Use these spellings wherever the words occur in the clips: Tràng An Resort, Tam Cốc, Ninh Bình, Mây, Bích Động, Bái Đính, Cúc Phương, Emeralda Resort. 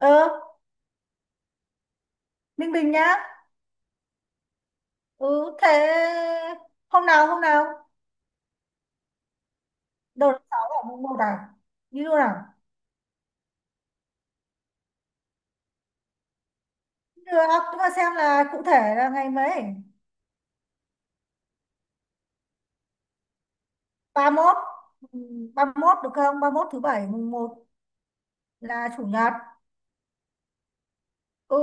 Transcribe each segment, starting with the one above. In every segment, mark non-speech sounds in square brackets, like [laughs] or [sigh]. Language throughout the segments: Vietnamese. Ừ, Ninh Bình nhá. Ừ, thế hôm nào đầu tháng sáu, ở mùng một à? Đi luôn à? Được à, nhưng mà xem là cụ thể là ngày mấy. Ba mốt. Ừ, ba mốt được không? Ba mốt thứ bảy, mùng một là chủ nhật. Ừ,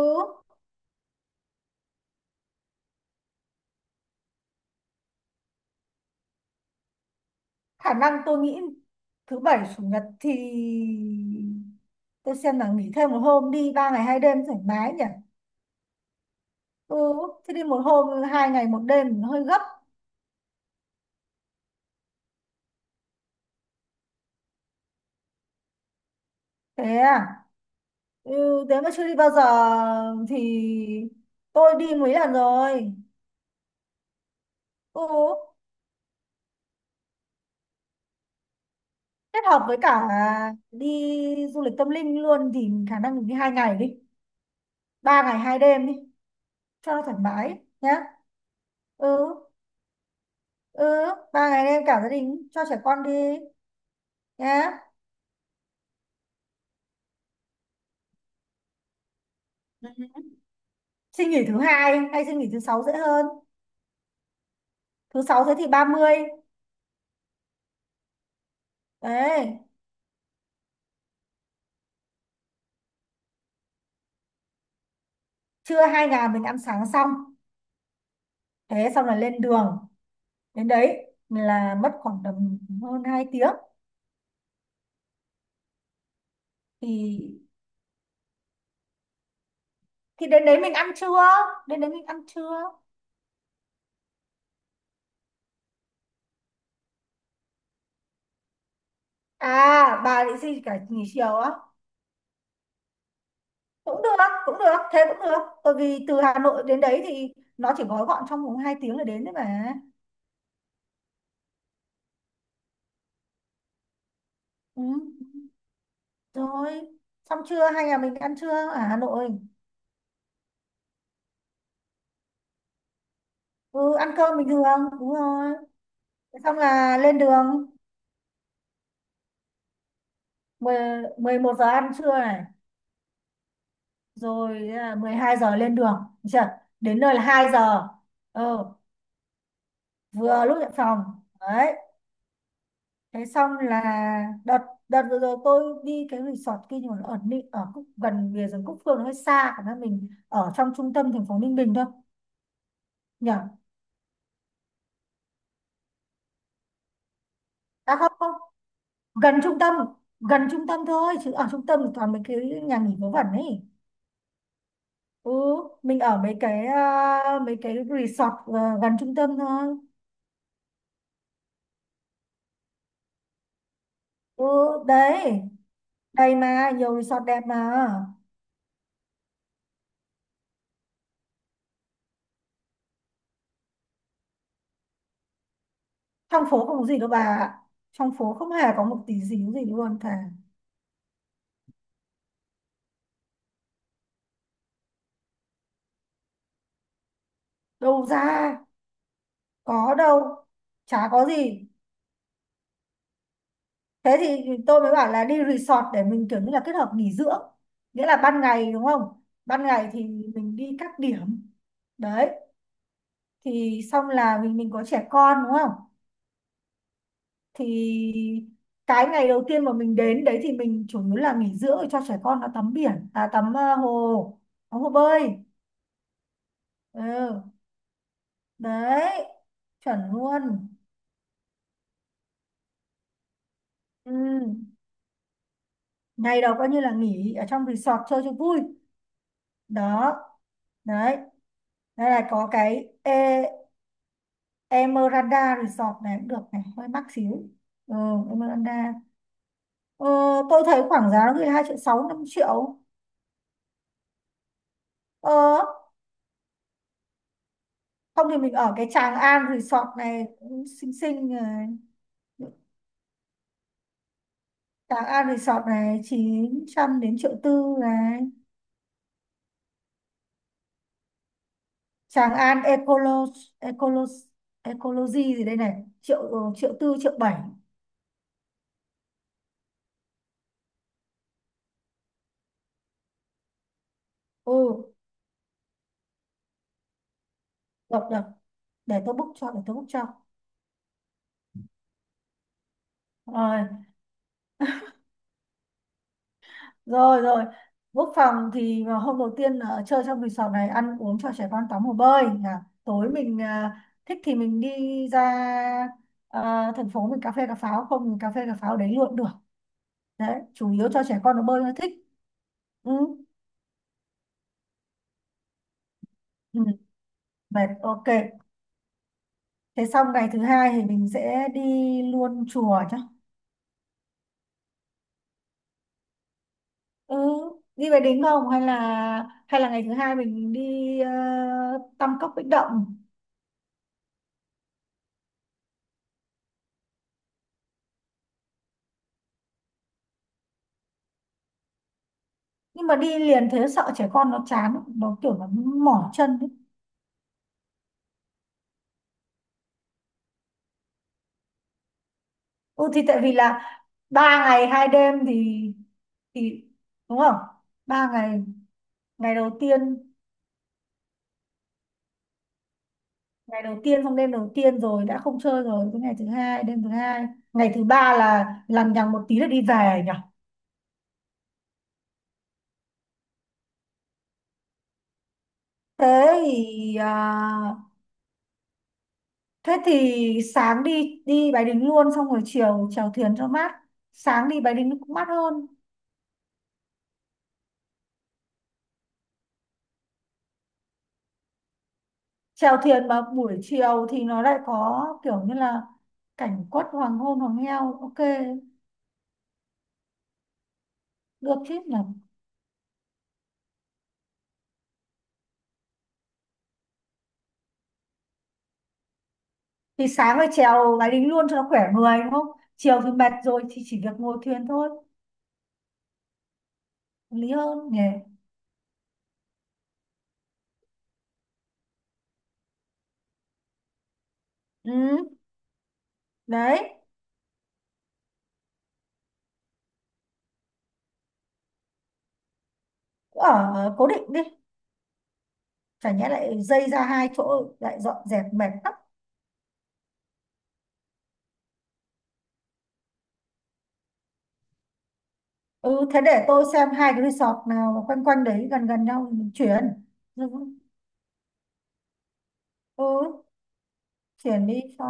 khả năng tôi nghĩ thứ bảy chủ nhật thì tôi xem là nghỉ thêm một hôm, đi ba ngày hai đêm thoải mái nhỉ. Ừ, thế đi một hôm hai ngày một đêm hơi gấp. Thế à? Ừ, thế mà chưa đi bao giờ. Thì tôi đi mấy lần rồi. Ừ, kết hợp với cả đi du lịch tâm linh luôn thì khả năng mình đi hai ngày đi. Ba ngày hai đêm đi, cho nó thoải mái nhá. Ừ, ừ, ba ngày đêm cả gia đình, cho trẻ con đi nhá. Ừ. Xin nghỉ thứ hai hay xin nghỉ thứ sáu dễ hơn. Thứ sáu thế thì 30. Đấy, trưa hai ngày mình ăn sáng xong. Thế xong là lên đường. Đến đấy là mất khoảng tầm hơn 2 tiếng. Thì thì đến đấy mình ăn trưa, đến đấy mình ăn trưa à bà định xin cả nghỉ chiều á? Cũng được, thế cũng được. Bởi vì từ Hà Nội đến đấy thì nó chỉ gói gọn trong vòng hai tiếng là đến đấy mà. Ừ, rồi. Xong trưa 2 nhà mình ăn trưa ở Hà Nội. Ừ, ăn cơm bình thường, đúng rồi. Xong là lên đường. Mười Mười một giờ ăn trưa này, rồi là 12 giờ lên đường. Được chưa? Đến nơi là 2 giờ. Ừ, vừa lúc nhận phòng. Đấy, thế xong là đợt đợt vừa rồi tôi đi cái resort kia, nhưng mà nó ở ở Cúc, gần bìa rừng Cúc Phương, nó hơi xa. Khả năng mình ở trong trung tâm thành phố Ninh Bình thôi nhỉ? À không không gần trung tâm, thôi, chứ ở trung tâm thì toàn mấy cái nhà nghỉ vớ vẩn ấy. Ừ, mình ở mấy cái, resort gần trung tâm thôi. Ừ, đấy, đây mà nhiều resort đẹp mà. Trong phố không có gì đâu bà ạ. Trong phố không hề có một tí díu gì luôn. Thà đâu ra, có đâu, chả có gì. Thế thì tôi mới bảo là đi resort để mình kiểu như là kết hợp nghỉ dưỡng. Nghĩa là ban ngày đúng không, ban ngày thì mình đi các điểm đấy. Thì xong là mình có trẻ con đúng không, thì cái ngày đầu tiên mà mình đến đấy thì mình chủ yếu là nghỉ dưỡng, để cho trẻ con nó tắm biển, à tắm hồ, tắm hồ bơi. Ừ, đấy, chuẩn luôn. Ừ. Ngày đầu coi như là nghỉ ở trong resort chơi cho vui. Đó, đấy. Đây là có cái Emeralda Resort này cũng được này, hơi mắc xíu. Ừ, Emeralda. Ờ, tôi thấy khoảng giá nó cứ 2 triệu 6 5 triệu. Ờ, không thì mình ở cái Tràng An Resort này cũng xinh xinh này. Tràng An Resort này 900 đến triệu tư này. Tràng An Ecolo, Ecolo Ecology gì đây này, triệu triệu tư triệu bảy. Ừ, được được, để tôi book cho, Rồi. Rồi, quốc phòng thì mà hôm đầu tiên ở chơi trong resort này ăn uống cho trẻ con tắm hồ bơi, à tối mình, à thích thì mình đi ra, à thành phố mình cà phê cà pháo không, mình cà phê cà pháo đấy luôn được. Đấy, chủ yếu cho trẻ con nó bơi nó thích. Ừ. Ừ. Mệt, ok. Thế xong ngày thứ hai thì mình sẽ đi luôn chùa chứ. Ừ, đi về đính không hay là, hay là ngày thứ hai mình đi Tam Cốc Bích Động. Nhưng mà đi liền thế sợ trẻ con nó chán, nó kiểu mỏi chân ấy. Ừ thì tại vì là ba ngày hai đêm thì, thì đúng không, ba ngày. ngày đầu tiên Ngày đầu tiên xong đêm đầu tiên rồi đã không chơi rồi, cái ngày thứ hai đêm thứ hai, ngày thứ ba là lằng nhằng một tí là đi về nhỉ. thế thì à, Thế thì sáng đi đi Bái Đính luôn, xong rồi chiều chèo thuyền cho mát. Sáng đi Bái Đính cũng mát hơn. Chèo thuyền mà buổi chiều thì nó lại có kiểu như là cảnh quất hoàng hôn hoàng heo, ok. Được chứ nhỉ? Thì sáng phải chèo máy đính luôn cho nó khỏe người đúng không, chiều thì mệt rồi thì chỉ việc ngồi thuyền thôi. Hợp lý hơn nhỉ. Ừ, đấy, cứ ở cố định đi. Chả nhẽ lại dây ra hai chỗ lại dọn dẹp mệt lắm. Ừ, thế để tôi xem hai cái resort nào mà quanh quanh đấy gần gần nhau thì mình chuyển. Ừ ừ, chuyển đi cho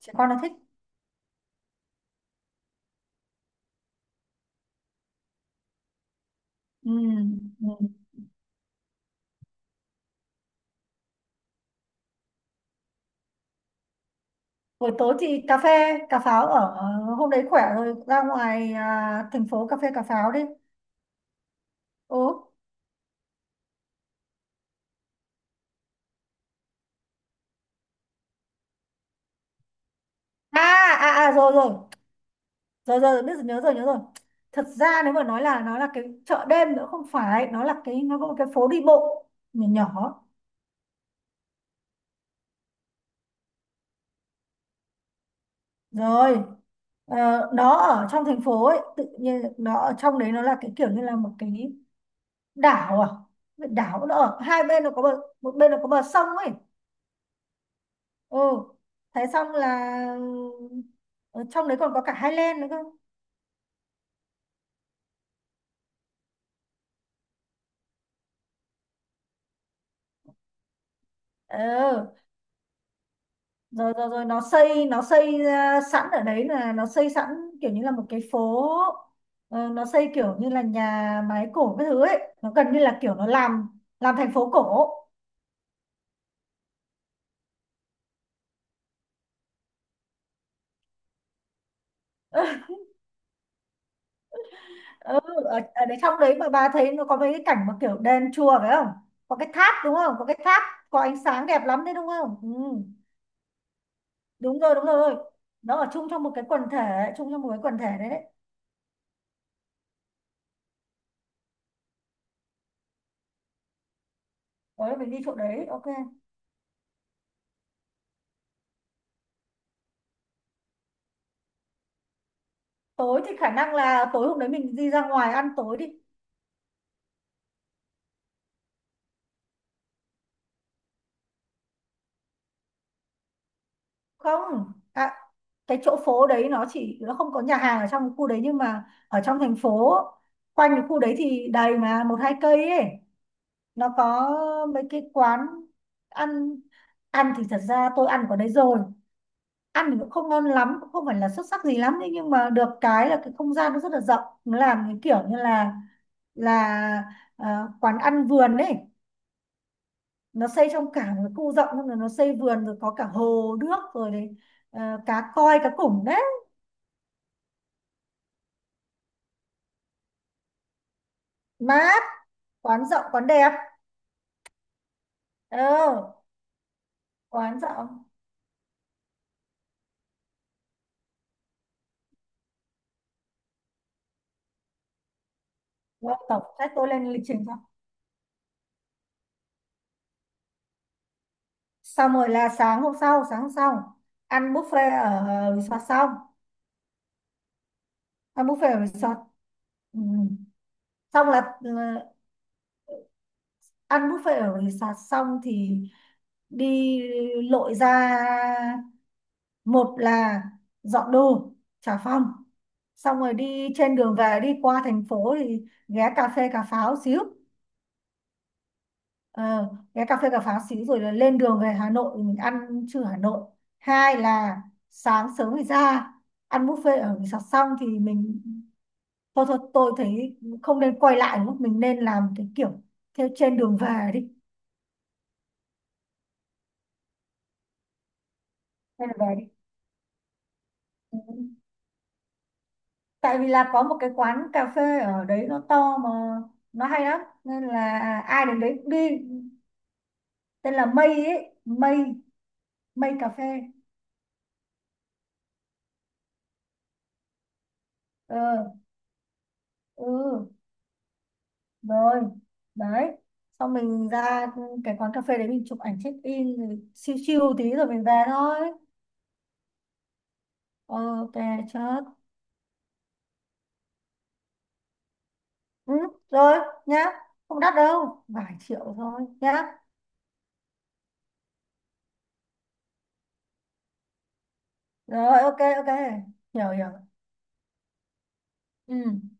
trẻ con nó thích. Ừ. Ừ. Buổi tối thì cà phê cà pháo ở, hôm đấy khỏe rồi ra ngoài, à thành phố cà phê cà pháo đi. Ừ, à à, à rồi rồi, rồi biết rồi, nhớ rồi, thật ra nếu mà nói là nó là cái chợ đêm, nữa không phải, nó là cái, nó có một cái phố đi bộ nhỏ nhỏ, rồi. Ờ, nó ở trong thành phố ấy, tự nhiên nó ở trong đấy nó là cái kiểu như là một cái đảo, à đảo nó ở hai bên nó có bờ, một bên nó có bờ sông ấy. Ừ, thế xong là ở trong đấy còn có cả Highland nữa cơ. Ờ, rồi rồi rồi nó xây, nó xây ra sẵn ở đấy, là nó xây sẵn kiểu như là một cái phố. Ờ, nó xây kiểu như là nhà máy cổ, cái thứ ấy nó gần như là kiểu nó làm thành phố cổ. [laughs] Ừ, ở, đấy trong đấy mà bà thấy nó có mấy cái cảnh mà kiểu đền chùa phải không, có cái tháp đúng không, có cái tháp có ánh sáng đẹp lắm đấy đúng không. Ừ, đúng rồi, nó ở chung trong một cái quần thể, đấy. Tối mình đi chỗ đấy, ok. Tối thì khả năng là tối hôm đấy mình đi ra ngoài ăn tối đi. Không, à cái chỗ phố đấy nó chỉ, nó không có nhà hàng ở trong cái khu đấy, nhưng mà ở trong thành phố quanh cái khu đấy thì đầy mà, một hai cây ấy nó có mấy cái quán ăn. Ăn thì thật ra tôi ăn ở đấy rồi, ăn thì cũng không ngon lắm, cũng không phải là xuất sắc gì lắm, thế nhưng mà được cái là cái không gian nó rất là rộng, nó làm cái kiểu như là, là ờ, quán ăn vườn đấy. Nó xây trong cả một cái khu rộng, xong rồi nó xây vườn rồi có cả hồ nước rồi đấy, ờ cá coi cá củng đấy. Mát, quán rộng quán đẹp. Ờ, quán rộng. Rồi, tổng sách tôi lên lịch trình xong. Xong rồi là sáng hôm sau, ăn buffet ở resort xong, ăn buffet ở resort ừ. Xong là, ờ ăn buffet ở resort xong thì đi lội ra, một là dọn đồ xà phòng, xong rồi đi trên đường về, đi qua thành phố thì ghé cà phê cà pháo xíu. Ờ, ghé cà phê cà pháo xíu rồi là lên đường về Hà Nội thì mình ăn trưa Hà Nội. Hai là sáng sớm thì ra ăn buffet ở resort xong thì mình, thôi thôi tôi thấy không nên quay lại nữa, mình nên làm cái kiểu theo trên đường về đi, trên đường về đi Ừ. Tại vì là có một cái quán cà phê ở đấy nó to mà, nó hay lắm nên là, à ai đến đấy cũng đi. Tên là Mây ấy, Mây, cà phê. Ờ, ừ, rồi, đấy. Xong mình ra cái quán cà phê đấy, mình chụp ảnh check in rồi chill chill tí rồi mình về thôi. Ok, chết, ừ, rồi nhá. Không đắt đâu, vài triệu thôi nhá. Rồi, ok, ok hiểu hiểu ừ.